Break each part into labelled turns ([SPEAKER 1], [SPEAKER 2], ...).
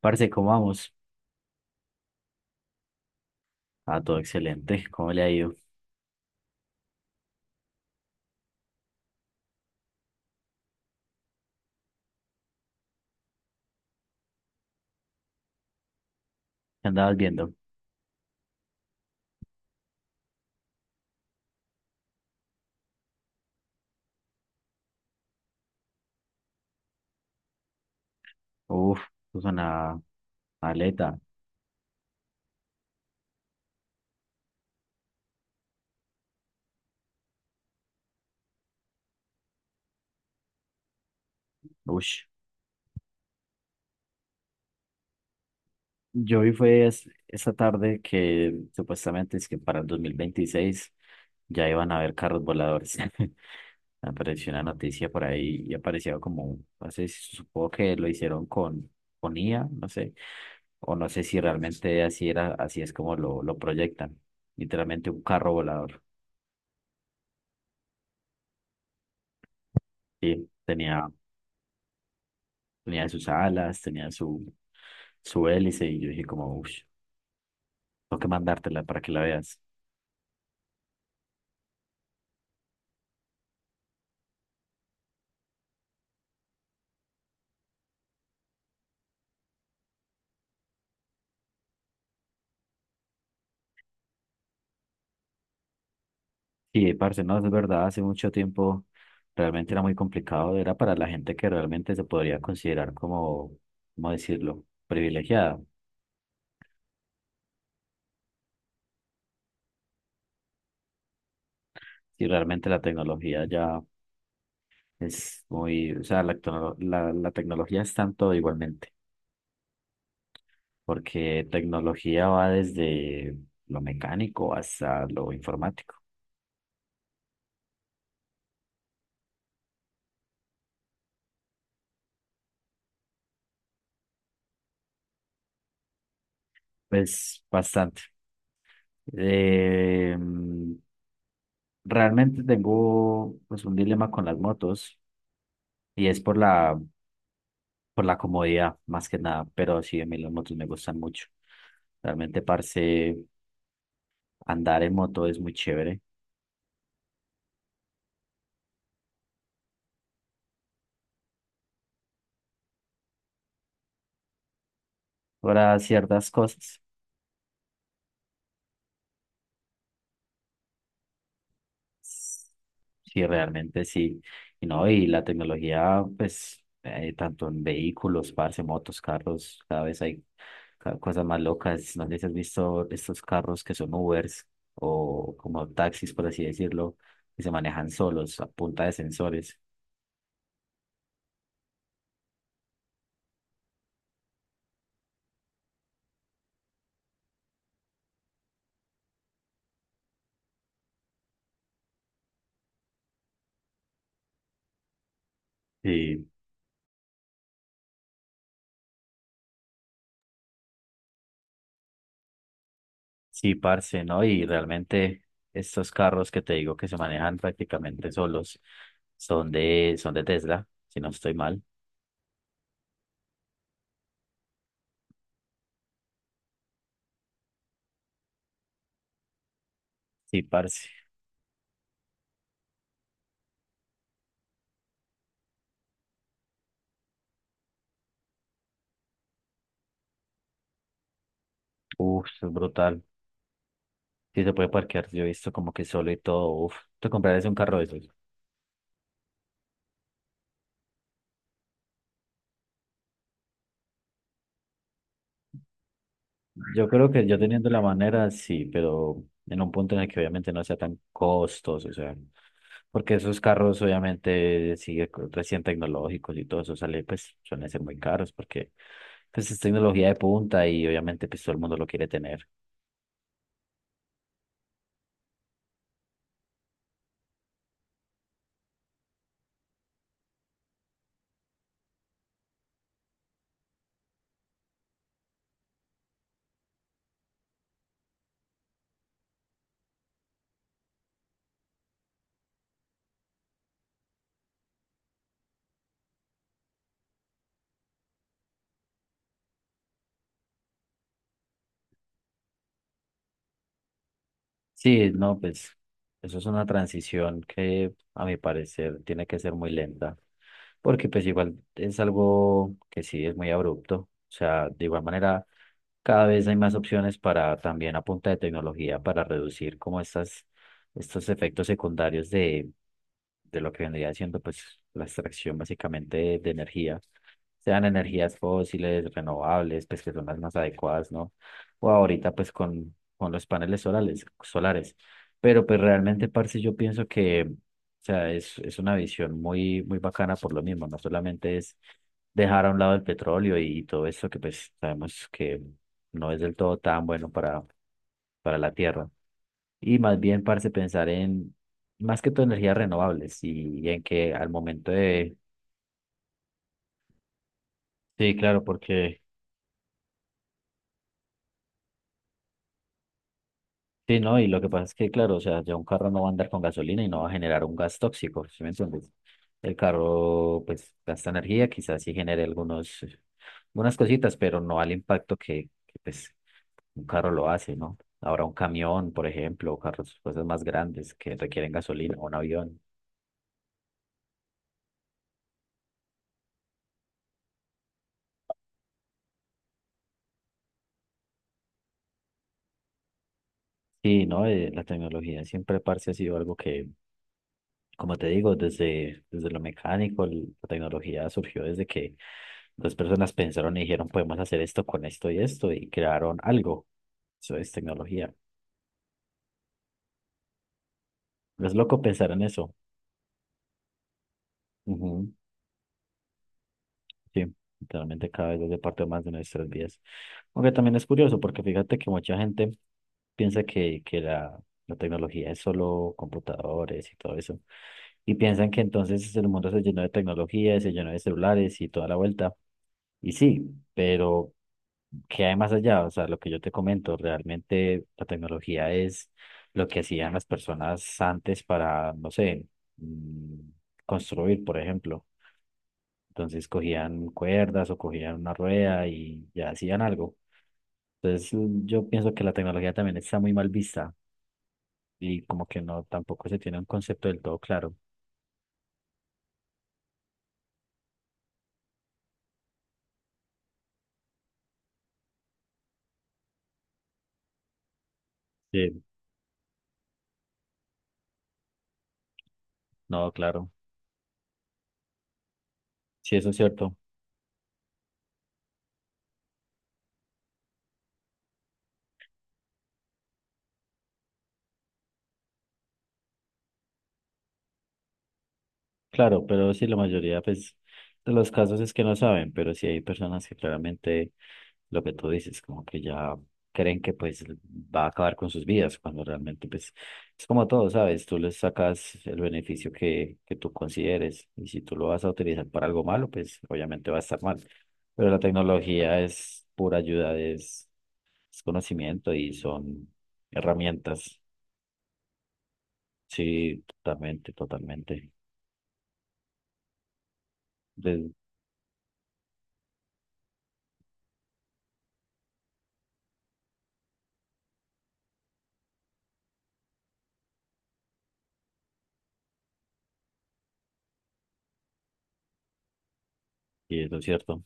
[SPEAKER 1] Parce, ¿cómo vamos? Ah, todo excelente. ¿Cómo le ha ido? ¿Qué andabas viendo? Uf, puso una aleta. Ush. Yo vi fue esta tarde que supuestamente es que para el 2026 ya iban a haber carros voladores. Apareció una noticia por ahí y aparecía como, no sé si supongo que lo hicieron con IA, no sé, o no sé si realmente así era, así es como lo proyectan. Literalmente un carro volador. Sí, tenía. Tenía sus alas, tenía su hélice y yo dije como, uff, tengo que mandártela para que la veas. Sí, parce, no, es verdad, hace mucho tiempo realmente era muy complicado, era para la gente que realmente se podría considerar como, ¿cómo decirlo?, privilegiada. Y realmente la tecnología ya es muy, o sea, la tecnología es tanto igualmente, porque tecnología va desde lo mecánico hasta lo informático. Pues bastante. Eh, Realmente tengo pues un dilema con las motos y es por por la comodidad más que nada, pero sí, a mí las motos me gustan mucho. Realmente, parce, andar en moto es muy chévere para ciertas cosas. Sí, realmente sí. Y no, y la tecnología, pues, tanto en vehículos, parce, motos, carros, cada vez hay cosas más locas. No sé si has visto estos carros que son Ubers o como taxis, por así decirlo, que se manejan solos a punta de sensores. Sí, sí, parce, ¿no? Y realmente estos carros que te digo que se manejan prácticamente solos son de Tesla, si no estoy mal. Sí, parce. Uf, es brutal. Sí, se puede parquear, yo he visto como que solo y todo, uf, te comprarías un carro de esos. Yo creo que yo teniendo la manera, sí, pero en un punto en el que obviamente no sea tan costoso, o sea, porque esos carros obviamente sigue recién tecnológicos y todo eso sale, pues suelen ser muy caros porque pues es tecnología de punta y obviamente pues todo el mundo lo quiere tener. Sí, no, pues eso es una transición que a mi parecer tiene que ser muy lenta, porque pues igual es algo que sí es muy abrupto, o sea, de igual manera cada vez hay más opciones para también a punta de tecnología para reducir como estas, estos efectos secundarios de lo que vendría siendo pues la extracción básicamente de energía, sean energías fósiles, renovables, pues que son las más adecuadas, ¿no? O ahorita pues con los paneles solares, solares. Pero pues realmente, parce, yo pienso que, o sea, es una visión muy, muy bacana por lo mismo, no solamente es dejar a un lado el petróleo y todo eso que pues sabemos que no es del todo tan bueno para la tierra. Y más bien, parce, pensar en más que todo energías renovables y en que al momento de... Sí, claro, porque. Sí, no, y lo que pasa es que, claro, o sea, ya un carro no va a andar con gasolina y no va a generar un gas tóxico, ¿sí me entiendes? El carro, pues, gasta energía, quizás sí genere algunos, algunas cositas, pero no al impacto que, pues, un carro lo hace, ¿no? Ahora un camión, por ejemplo, o carros, cosas más grandes que requieren gasolina, o un avión. Sí, ¿no? La tecnología siempre, parce, ha sido algo que. Como te digo, desde, desde lo mecánico, la tecnología surgió desde que dos personas pensaron y dijeron, podemos hacer esto con esto y esto, y crearon algo. Eso es tecnología. Es loco pensar en eso. Ujú. Sí, literalmente cada vez hace parte más de nuestras vidas. Aunque también es curioso, porque fíjate que mucha gente piensa que, la tecnología es solo computadores y todo eso. Y piensan que entonces el mundo se llenó de tecnología, se llenó de celulares y toda la vuelta. Y sí, pero que hay más allá? O sea, lo que yo te comento, realmente la tecnología es lo que hacían las personas antes para, no sé, mm, construir, por ejemplo. Entonces cogían cuerdas o cogían una rueda y ya hacían algo. Entonces yo pienso que la tecnología también está muy mal vista y como que no, tampoco se tiene un concepto del todo claro. Sí. No, claro. Sí, eso es cierto. Claro, pero sí, la mayoría, pues, de los casos es que no saben, pero sí hay personas que claramente lo que tú dices, como que ya creen que pues va a acabar con sus vidas, cuando realmente pues es como todo, ¿sabes? Tú les sacas el beneficio que tú consideres y si tú lo vas a utilizar para algo malo, pues obviamente va a estar mal. Pero la tecnología es pura ayuda, es conocimiento y son herramientas. Sí, totalmente, totalmente. De- y eso es cierto.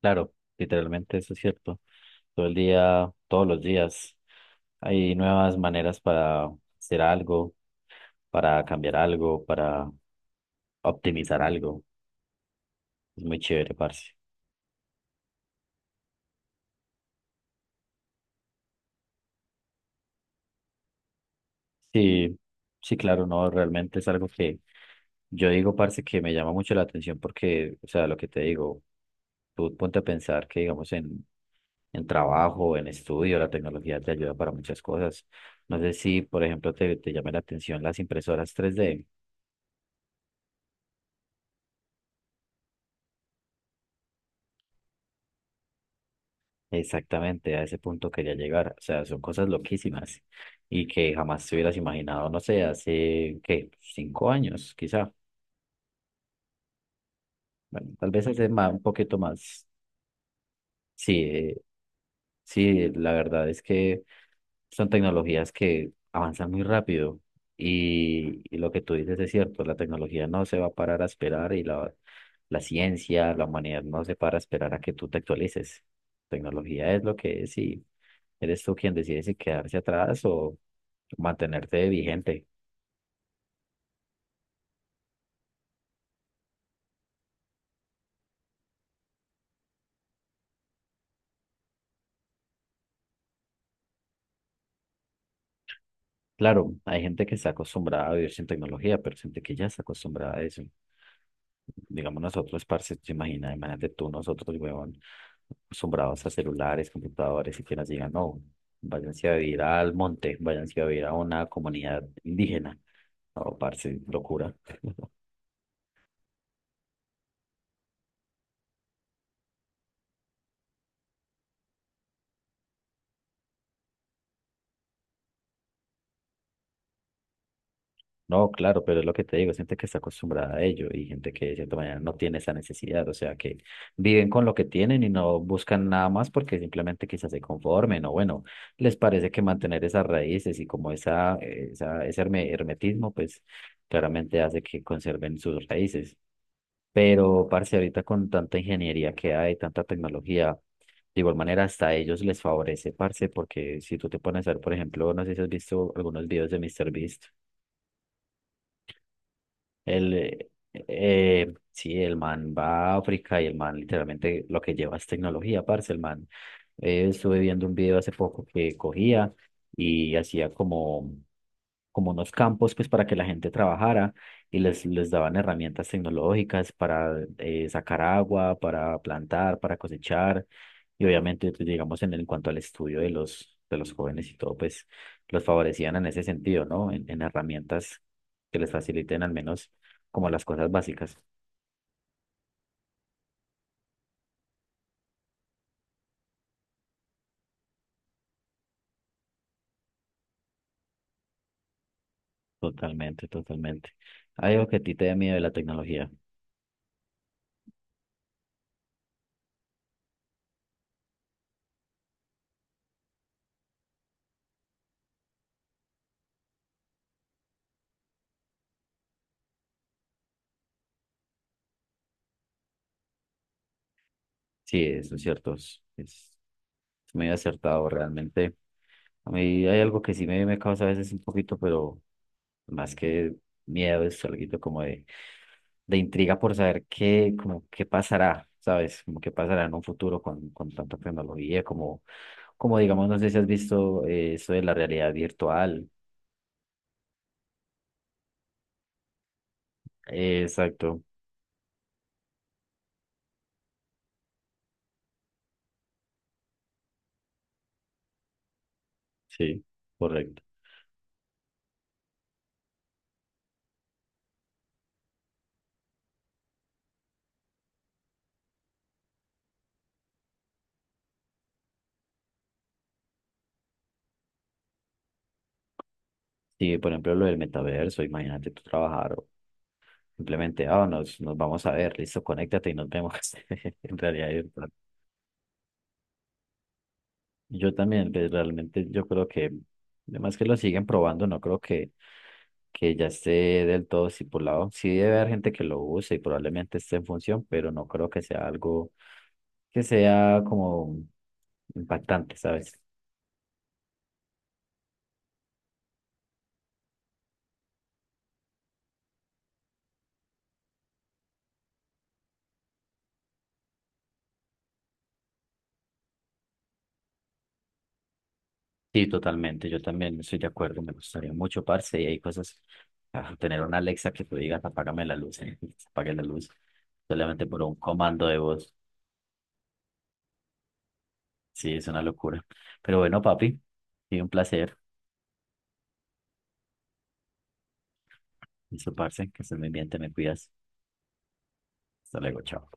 [SPEAKER 1] Claro, literalmente eso es cierto. Todo el día, todos los días, hay nuevas maneras para hacer algo, para cambiar algo, para optimizar algo. Es muy chévere, parce. Sí, sí, claro, no, realmente es algo que yo digo, parce, que me llama mucho la atención porque, o sea, lo que te digo, tú ponte a pensar que, digamos, en trabajo, en estudio, la tecnología te ayuda para muchas cosas. No sé si, por ejemplo, te llama la atención las impresoras 3D. Exactamente, a ese punto quería llegar. O sea, son cosas loquísimas y que jamás te hubieras imaginado, no sé, hace, ¿qué? 5 años, quizá. Bueno, tal vez hace más, un poquito más. Sí, sí, la verdad es que son tecnologías que avanzan muy rápido y lo que tú dices es cierto, la tecnología no se va a parar a esperar y la ciencia, la humanidad no se para a esperar a que tú te actualices. Tecnología es lo que es y eres tú quien decide si quedarse atrás o mantenerte vigente. Claro, hay gente que está acostumbrada a vivir sin tecnología, pero gente que ya está acostumbrada a eso. Digamos nosotros, parce, te imaginas, imagínate tú, nosotros, huevón, acostumbrados a celulares, computadores, y que nos digan, no, váyanse a vivir al monte, váyanse a vivir a una comunidad indígena. No, parce, locura. No, claro, pero es lo que te digo, gente que está acostumbrada a ello y gente que de cierta manera no tiene esa necesidad, o sea, que viven con lo que tienen y no buscan nada más porque simplemente quizás se conformen o bueno, les parece que mantener esas raíces y como ese hermetismo, pues claramente hace que conserven sus raíces. Pero, parce, ahorita con tanta ingeniería que hay, tanta tecnología, de igual manera hasta a ellos les favorece, parce, porque si tú te pones a ver, por ejemplo, no sé si has visto algunos videos de MrBeast. Sí, el man va a África y el man literalmente lo que lleva es tecnología, parce, el man. Estuve viendo un video hace poco que cogía y hacía como, como unos campos pues para que la gente trabajara y les daban herramientas tecnológicas para sacar agua, para plantar, para cosechar y obviamente, pues, digamos, en cuanto al estudio de de los jóvenes y todo, pues los favorecían en ese sentido, ¿no? En herramientas que les faciliten al menos como las cosas básicas. Totalmente, totalmente. ¿Hay algo que a ti te da miedo de la tecnología? Sí, eso es cierto. Es muy acertado realmente. A mí hay algo que sí me causa a veces un poquito, pero más que miedo, es algo como de intriga por saber qué, como qué pasará, ¿sabes? Como qué pasará en un futuro con tanta tecnología, como, como digamos, no sé si has visto eso de la realidad virtual. Exacto, sí, correcto. Sí, por ejemplo, lo del metaverso, imagínate tú trabajar o simplemente, ah, nos vamos a ver, listo, conéctate y nos vemos en realidad virtual. Yo también, pues, realmente yo creo que, además que lo siguen probando, no creo que ya esté del todo estipulado. Sí debe haber gente que lo use y probablemente esté en función, pero no creo que sea algo que sea como impactante, ¿sabes? Sí, totalmente, yo también estoy de acuerdo, me gustaría mucho, parce, y hay cosas, ah, tener una Alexa que tú digas, apágame la luz, apague la luz, solamente por un comando de voz, sí, es una locura. Pero bueno, papi, sí, un placer. Listo, parce, que estés muy bien, te me cuidas. Hasta luego, chao.